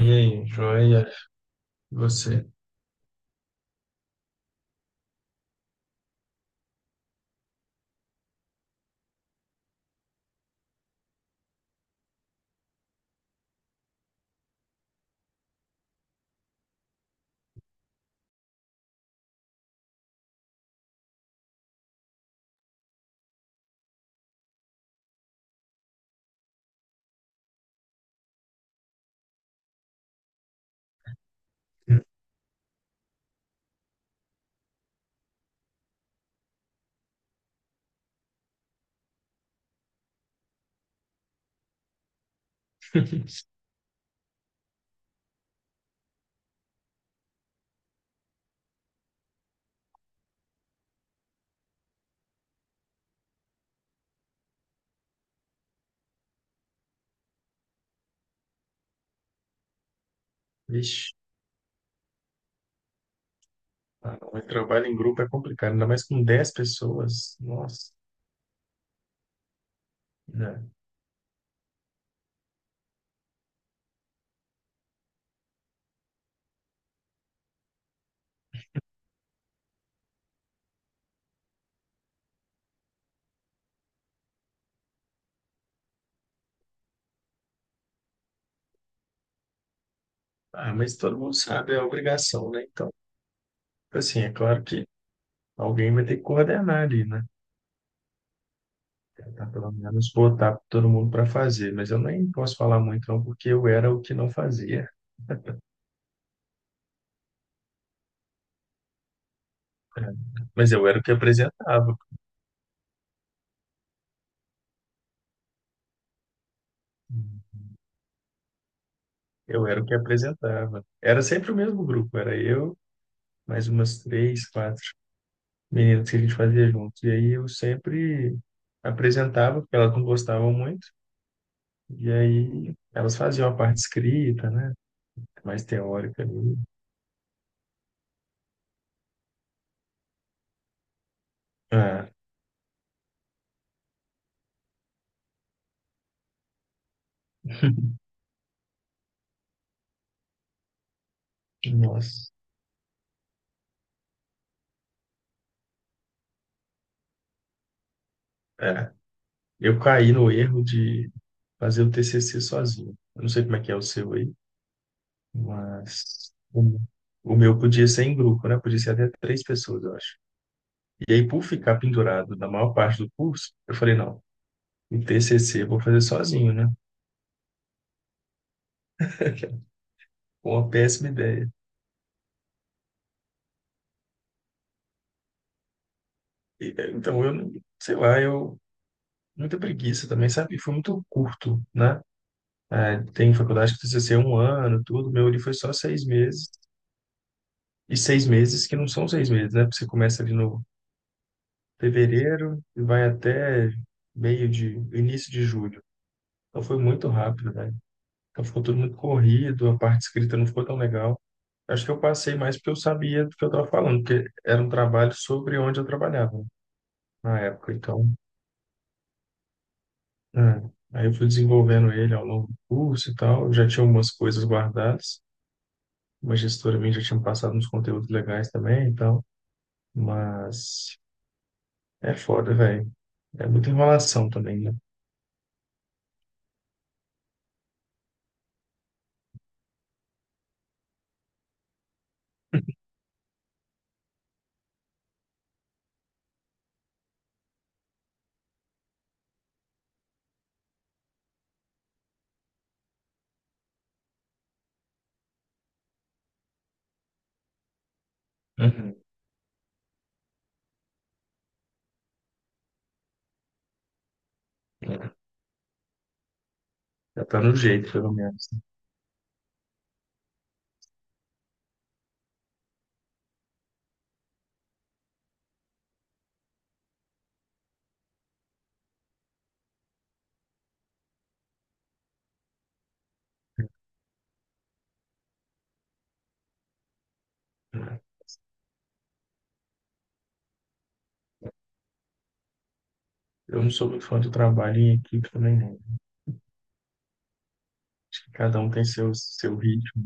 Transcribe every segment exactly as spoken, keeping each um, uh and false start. E aí, joia? E você? Vixe, ah, o trabalho em grupo é complicado, ainda mais com dez pessoas. Nossa, né? Ah, mas todo mundo sabe, é obrigação, né? Então, assim, é claro que alguém vai ter que coordenar ali, né? Tá, pelo menos botar todo mundo para fazer. Mas eu nem posso falar muito, não, porque eu era o que não fazia, né? Mas eu era o que apresentava. Eu era o que apresentava. Era sempre o mesmo grupo, era eu, mais umas três, quatro meninas que a gente fazia juntos. E aí eu sempre apresentava, porque elas não gostavam muito. E aí elas faziam a parte escrita, né? Mais teórica ali. Ah, nossa. É. Eu caí no erro de fazer o T C C sozinho. Eu não sei como é que é o seu aí, mas o o meu podia ser em grupo, né? Podia ser até três pessoas, eu acho. E aí, por ficar pendurado na maior parte do curso, eu falei, não, o T C C eu vou fazer sozinho, né? Uma péssima ideia. E, eh, Então, eu, não- sei lá, eu, muita preguiça também, sabe? Foi muito curto, né? É, tem faculdade que precisa ser um ano, tudo. Meu ali foi só seis meses. E seis meses que não são seis meses, né? Porque você começa ali no fevereiro e vai até meio de, início de julho. Então, foi muito rápido, né? Então, ficou tudo muito corrido, a parte escrita não ficou tão legal. Acho que eu passei mais porque eu sabia do que eu estava falando, porque era um trabalho sobre onde eu trabalhava, né, na época. Então, é, aí eu fui desenvolvendo ele ao longo do curso e tal. Eu já tinha algumas coisas guardadas. Uma gestora minha já tinha me passado uns conteúdos legais também e tal. Mas é foda, velho. É muita enrolação também, né? Uhum. É. Já tá no jeito, pelo menos. Né? Eu não sou muito fã do trabalho em equipe também, não. Acho que cada um tem seu, seu ritmo,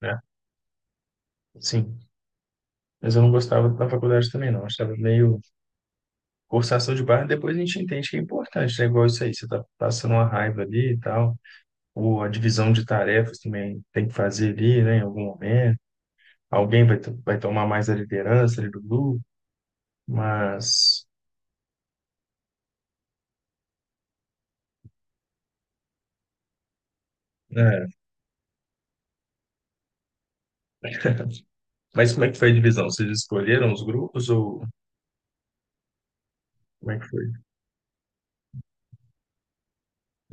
né? Sim. Mas eu não gostava da faculdade também, não. Achava meio forçação de barra. Depois a gente entende que é importante, né? Igual isso aí. Você tá passando uma raiva ali e tal. Ou a divisão de tarefas também tem que fazer ali, né, em algum momento. Alguém vai, to- vai tomar mais a liderança ali do grupo, mas. É. Mas como é que foi a divisão? Vocês escolheram os grupos ou como é que foi?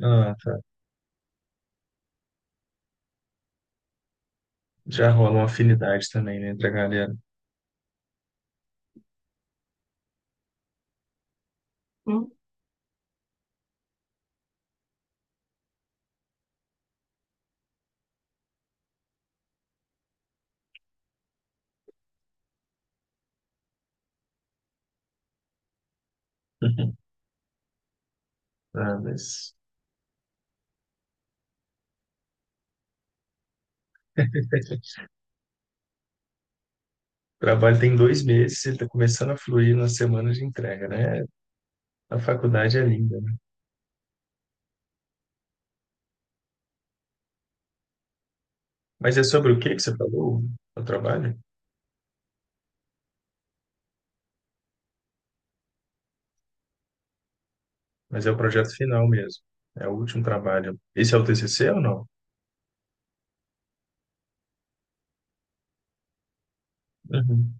Ah, tá. Já rola uma afinidade também, né, entre a galera. Ah, mas o trabalho tem dois meses, ele está começando a fluir na semana de entrega, né? A faculdade é linda, né? Mas é sobre o que que você falou, o trabalho? Mas é o projeto final mesmo. É o último trabalho. Esse é o T C C ou não? Uhum.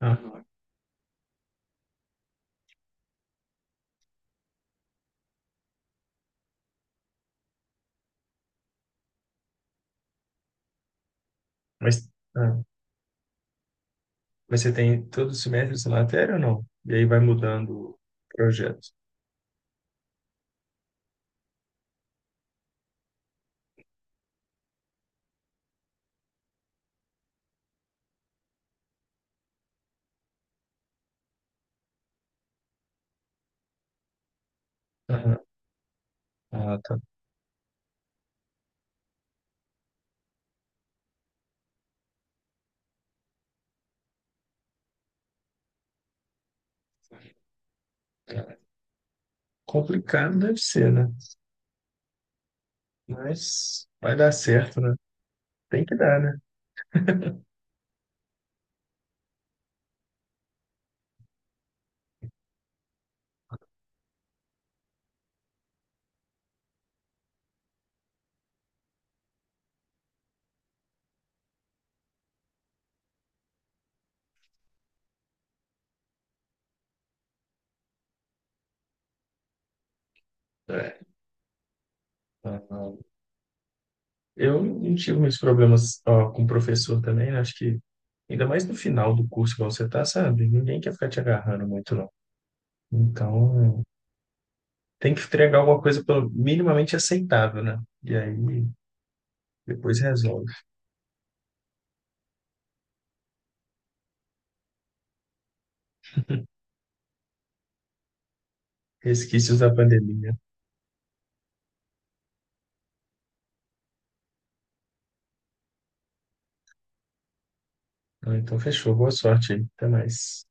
Ah, mas, ah, mas você tem todo semestre essa matéria ou não? E aí vai mudando o projeto. Aham. Ah, tá. Complicado deve ser, né? Mas vai dar certo, né? Tem que dar, né? É. Aham. Eu não tive muitos problemas, ó, com o professor também, né? Acho que ainda mais no final do curso, igual você tá, sabe? Ninguém quer ficar te agarrando muito, não. Então, tem que entregar alguma coisa pelo minimamente aceitável, né? E aí depois resolve. Resquícios da pandemia. Ah, então, fechou. Boa sorte aí. Até mais.